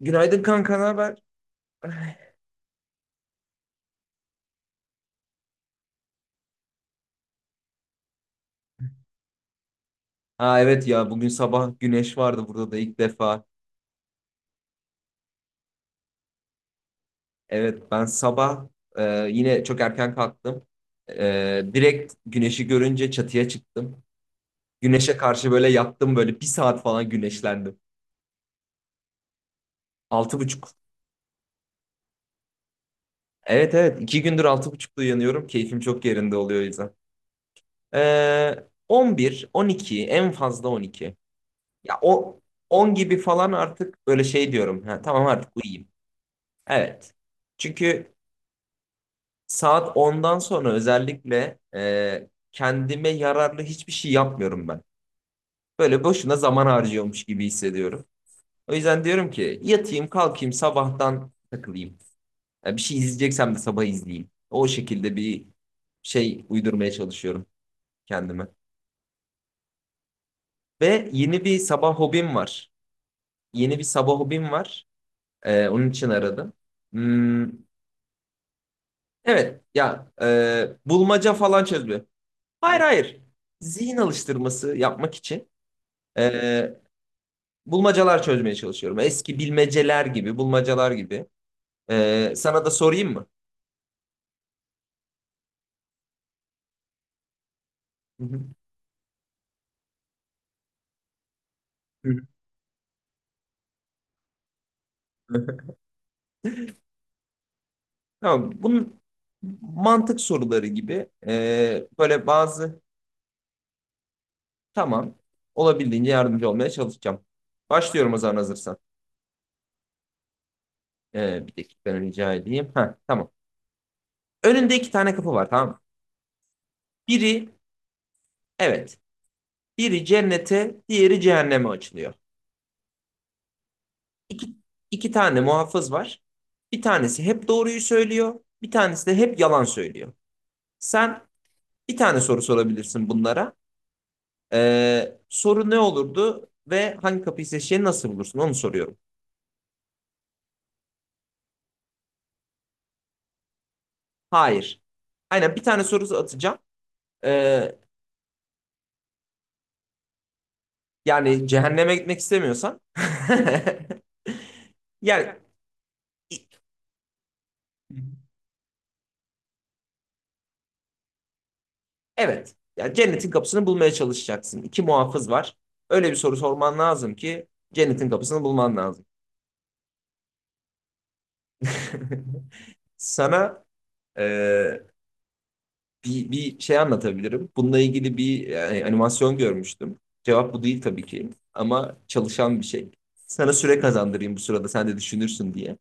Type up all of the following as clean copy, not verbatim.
Günaydın kanka, ne haber? Ha evet ya bugün sabah güneş vardı burada da ilk defa. Evet ben sabah e, yine çok erken kalktım. Direkt güneşi görünce çatıya çıktım. Güneşe karşı böyle yattım, böyle bir saat falan güneşlendim. Altı buçuk. Evet, evet, iki gündür altı buçukta uyanıyorum. Keyfim çok yerinde oluyor o yüzden. E, 11, 12, en fazla 12. Ya o 10 gibi falan artık böyle şey diyorum. Ha, tamam artık uyuyayım. Evet. Çünkü saat ondan sonra özellikle kendime yararlı hiçbir şey yapmıyorum ben. Böyle boşuna zaman harcıyormuş gibi hissediyorum. O yüzden diyorum ki yatayım kalkayım sabahtan takılayım. Ya bir şey izleyeceksem de sabah izleyeyim. O şekilde bir şey uydurmaya çalışıyorum kendime. Ve yeni bir sabah hobim var. Yeni bir sabah hobim var. Onun için aradım. Hmm, evet ya, bulmaca falan çözme. Hayır, hayır. Zihin alıştırması yapmak için Ee, bulmacalar çözmeye çalışıyorum. Eski bilmeceler gibi, bulmacalar gibi. Sana da sorayım mı? Hı hı. Tamam. Bunun mantık soruları gibi böyle bazı tamam olabildiğince yardımcı olmaya çalışacağım. Başlıyorum o zaman hazırsan. Bir dakika rica edeyim. Ha, tamam. Önünde iki tane kapı var, tamam mı? Biri evet. Biri cennete, diğeri cehenneme açılıyor. İki, iki tane muhafız var. Bir tanesi hep doğruyu söylüyor. Bir tanesi de hep yalan söylüyor. Sen bir tane soru sorabilirsin bunlara. Soru ne olurdu ve hangi kapıyı seçeceğini nasıl bulursun onu soruyorum. Hayır. Aynen, bir tane soru atacağım. Ee, yani cehenneme gitmek istemiyorsan. Yani evet. Yani cennetin kapısını bulmaya çalışacaksın. İki muhafız var. Öyle bir soru sorman lazım ki cennetin kapısını bulman lazım. Sana e, bir şey anlatabilirim. Bununla ilgili bir yani, animasyon görmüştüm. Cevap bu değil tabii ki ama çalışan bir şey. Sana süre kazandırayım bu sırada sen de düşünürsün diye.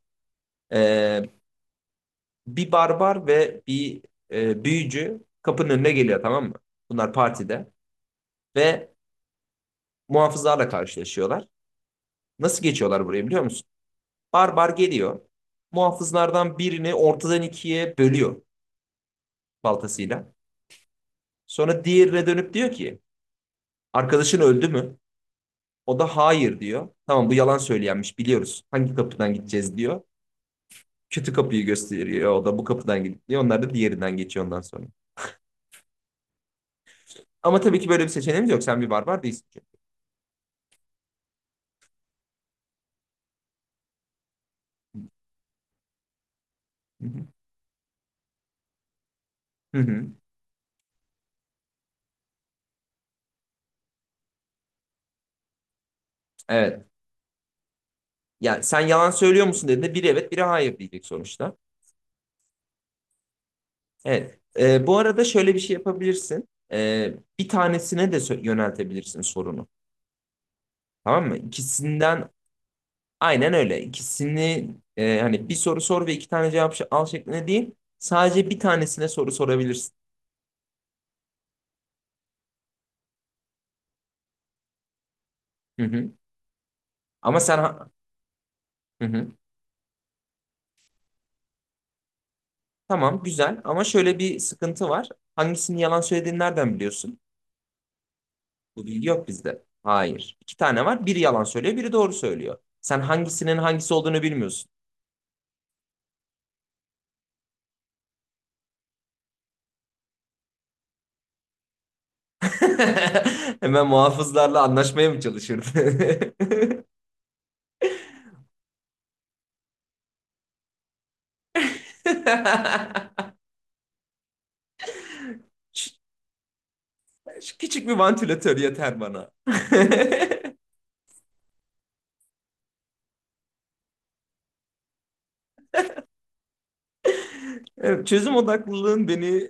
E, bir barbar ve bir büyücü kapının önüne geliyor, tamam mı? Bunlar partide ve muhafızlarla karşılaşıyorlar. Nasıl geçiyorlar buraya biliyor musun? Barbar geliyor. Muhafızlardan birini ortadan ikiye bölüyor baltasıyla. Sonra diğerine dönüp diyor ki arkadaşın öldü mü? O da hayır diyor. Tamam, bu yalan söyleyenmiş, biliyoruz. Hangi kapıdan gideceğiz diyor. Kötü kapıyı gösteriyor, o da bu kapıdan gidip diyor. Onlar da diğerinden geçiyor ondan sonra. Ama tabii ki böyle bir seçeneğimiz yok. Sen bir barbar değilsin çünkü. Hı hı. Hı hı. Evet. Yani sen yalan söylüyor musun dediğinde biri evet biri hayır diyecek sonuçta. Evet. Bu arada şöyle bir şey yapabilirsin. Bir tanesine de yöneltebilirsin sorunu. Tamam mı? İkisinden aynen öyle. İkisini hani bir soru sor ve iki tane cevap al şeklinde değil. Sadece bir tanesine soru sorabilirsin. Hı hı. Ama sen ha- hı hı. Tamam güzel ama şöyle bir sıkıntı var. Hangisini yalan söylediğini nereden biliyorsun? Bu bilgi yok bizde. Hayır. İki tane var. Biri yalan söylüyor, biri doğru söylüyor. Sen hangisinin hangisi olduğunu bilmiyorsun. Hemen muhafızlarla anlaşmaya mı çalışırdın? Şu- şu küçük bir vantilatör yeter bana. Evet, çözüm odaklılığın beni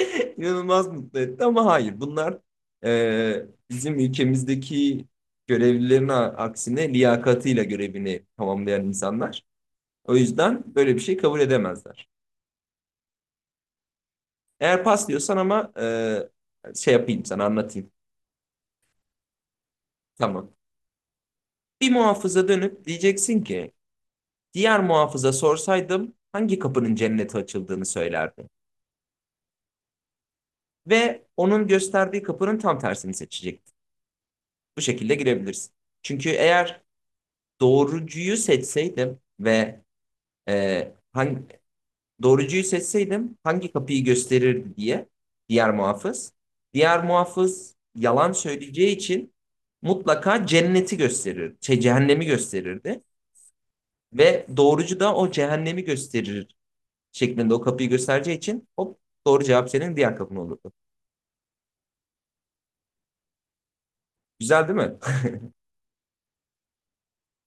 inanılmaz mutlu etti ama hayır, bunlar bizim ülkemizdeki görevlilerin aksine liyakatıyla görevini tamamlayan insanlar. O yüzden böyle bir şey kabul edemezler. Eğer pas diyorsan ama şey yapayım, sana anlatayım. Tamam. Bir muhafıza dönüp diyeceksin ki diğer muhafıza sorsaydım hangi kapının cennete açıldığını söylerdi. Ve onun gösterdiği kapının tam tersini seçecekti. Bu şekilde girebilirsin. Çünkü eğer doğrucuyu seçseydim ve e, hangi, doğrucuyu seçseydim hangi kapıyı gösterirdi diye diğer muhafız. Diğer muhafız yalan söyleyeceği için mutlaka cenneti gösterir, şey, cehennemi gösterirdi. Ve doğrucu da o cehennemi gösterir şeklinde o kapıyı göstereceği için hop, doğru cevap senin diğer kapın olurdu. Güzel değil mi?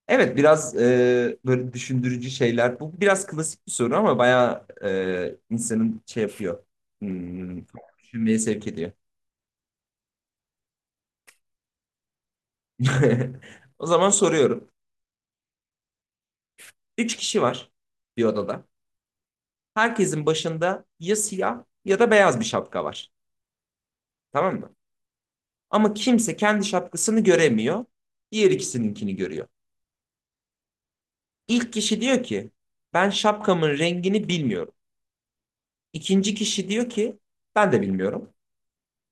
Evet, biraz böyle düşündürücü şeyler. Bu biraz klasik bir soru ama bayağı insanın şey yapıyor. Hmm, düşünmeye sevk ediyor. O zaman soruyorum. Üç kişi var bir odada. Herkesin başında ya siyah ya da beyaz bir şapka var. Tamam mı? Ama kimse kendi şapkasını göremiyor. Diğer ikisininkini görüyor. İlk kişi diyor ki ben şapkamın rengini bilmiyorum. İkinci kişi diyor ki ben de bilmiyorum.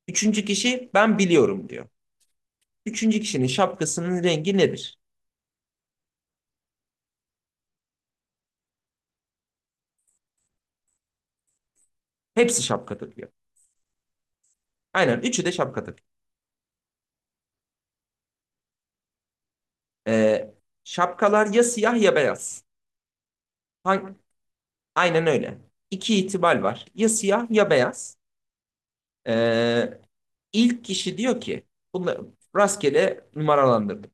Üçüncü kişi ben biliyorum diyor. Üçüncü kişinin şapkasının rengi nedir? Hepsi şapka takıyor. Aynen üçü de şapka Ee, şapkalar ya siyah ya beyaz. Hang- Aynen öyle. İki ihtimal var. Ya siyah ya beyaz. Ee, ilk kişi diyor ki, bunları rastgele numaralandırdım.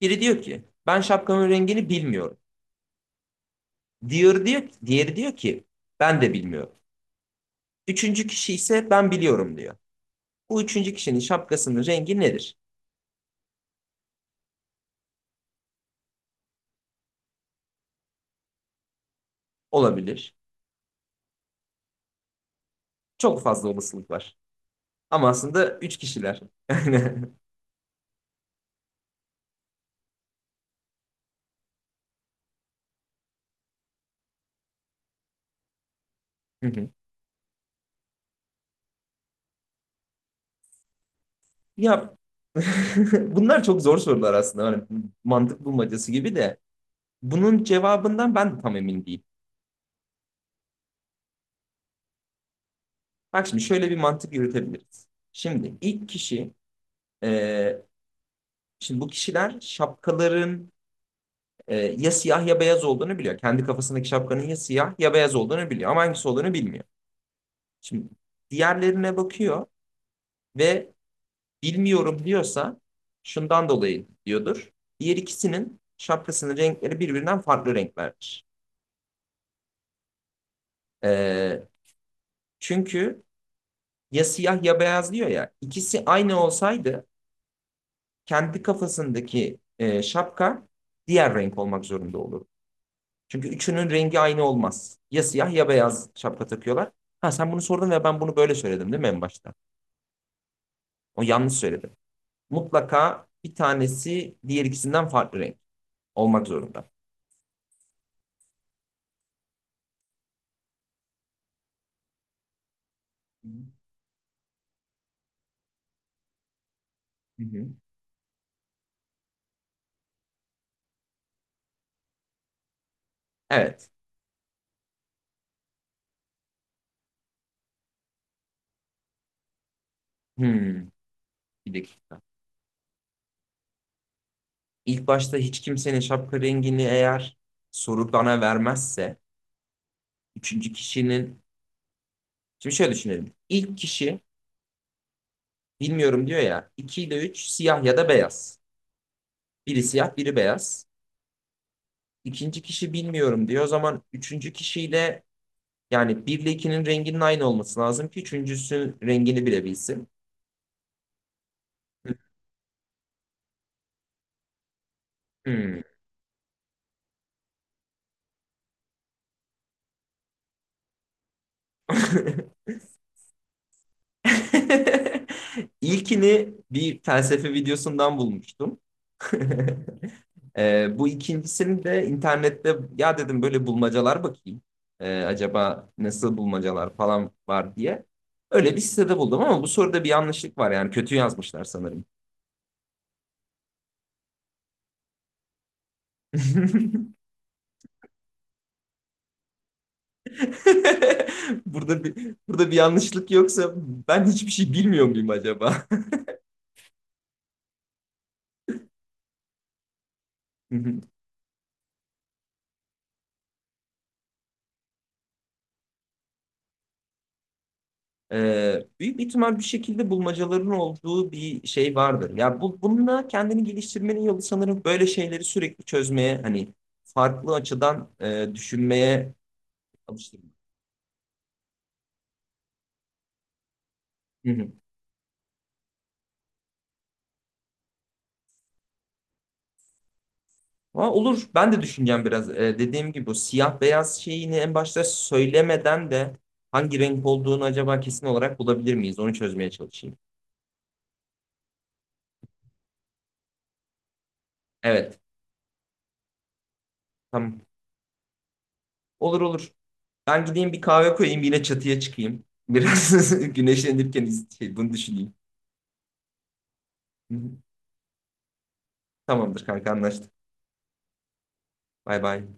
Biri diyor ki ben şapkamın rengini bilmiyorum. Diğeri diyor ki ben de bilmiyorum. Üçüncü kişi ise ben biliyorum diyor. Bu üçüncü kişinin şapkasının rengi nedir? Olabilir. Çok fazla olasılık var. Ama aslında üç kişiler. Aynen. Hı hı. Ya bunlar çok zor sorular aslında. Hani mantık bulmacası gibi de bunun cevabından ben de tam emin değilim. Bak şimdi şöyle bir mantık yürütebiliriz. Şimdi ilk kişi e, şimdi bu kişiler şapkaların ya siyah ya beyaz olduğunu biliyor. Kendi kafasındaki şapkanın ya siyah ya beyaz olduğunu biliyor ama hangisi olduğunu bilmiyor. Şimdi diğerlerine bakıyor ve bilmiyorum diyorsa şundan dolayı diyordur. Diğer ikisinin şapkasının renkleri birbirinden farklı renklerdir. Ee, çünkü ya siyah ya beyaz diyor ya. İkisi aynı olsaydı kendi kafasındaki şapka diğer renk olmak zorunda olur. Çünkü üçünün rengi aynı olmaz. Ya siyah ya beyaz şapka takıyorlar. Ha sen bunu sordun ve ben bunu böyle söyledim değil mi en başta? O yanlış söyledim. Mutlaka bir tanesi diğer ikisinden farklı renk olmak zorunda. Hı hı. Evet. Hmm, bir dakika. İlk başta hiç kimsenin şapka rengini eğer soru bana vermezse üçüncü kişinin şimdi şöyle düşünelim. İlk kişi bilmiyorum diyor ya, 2 ile 3 siyah ya da beyaz. Biri siyah biri beyaz. İkinci kişi bilmiyorum diyor. O zaman üçüncü kişiyle yani 1 ile 2'nin renginin aynı olması lazım ki üçüncüsünün rengini bilebilsin. Hmm. İlkini bir felsefe videosundan bulmuştum. Bu ikincisini de internette ya dedim böyle bulmacalar bakayım. Acaba nasıl bulmacalar falan var diye. Öyle bir sitede buldum ama bu soruda bir yanlışlık var, yani kötü yazmışlar sanırım. Burada bir yanlışlık yoksa ben hiçbir şey bilmiyor muyum acaba? Büyük bir ihtimal bir şekilde bulmacaların olduğu bir şey vardır. Ya bu, bununla kendini geliştirmenin yolu sanırım böyle şeyleri sürekli çözmeye, hani farklı açıdan düşünmeye alıştırma. Hı hı. Ama olur. Ben de düşüneceğim biraz. Dediğim gibi bu siyah beyaz şeyini en başta söylemeden de hangi renk olduğunu acaba kesin olarak bulabilir miyiz? Onu çözmeye çalışayım. Evet. Tamam. Olur, olur. Ben gideyim bir kahve koyayım yine çatıya çıkayım. Biraz güneşlenirken bunu düşüneyim. Hı hı. Tamamdır kanka, anlaştık. Bay bay.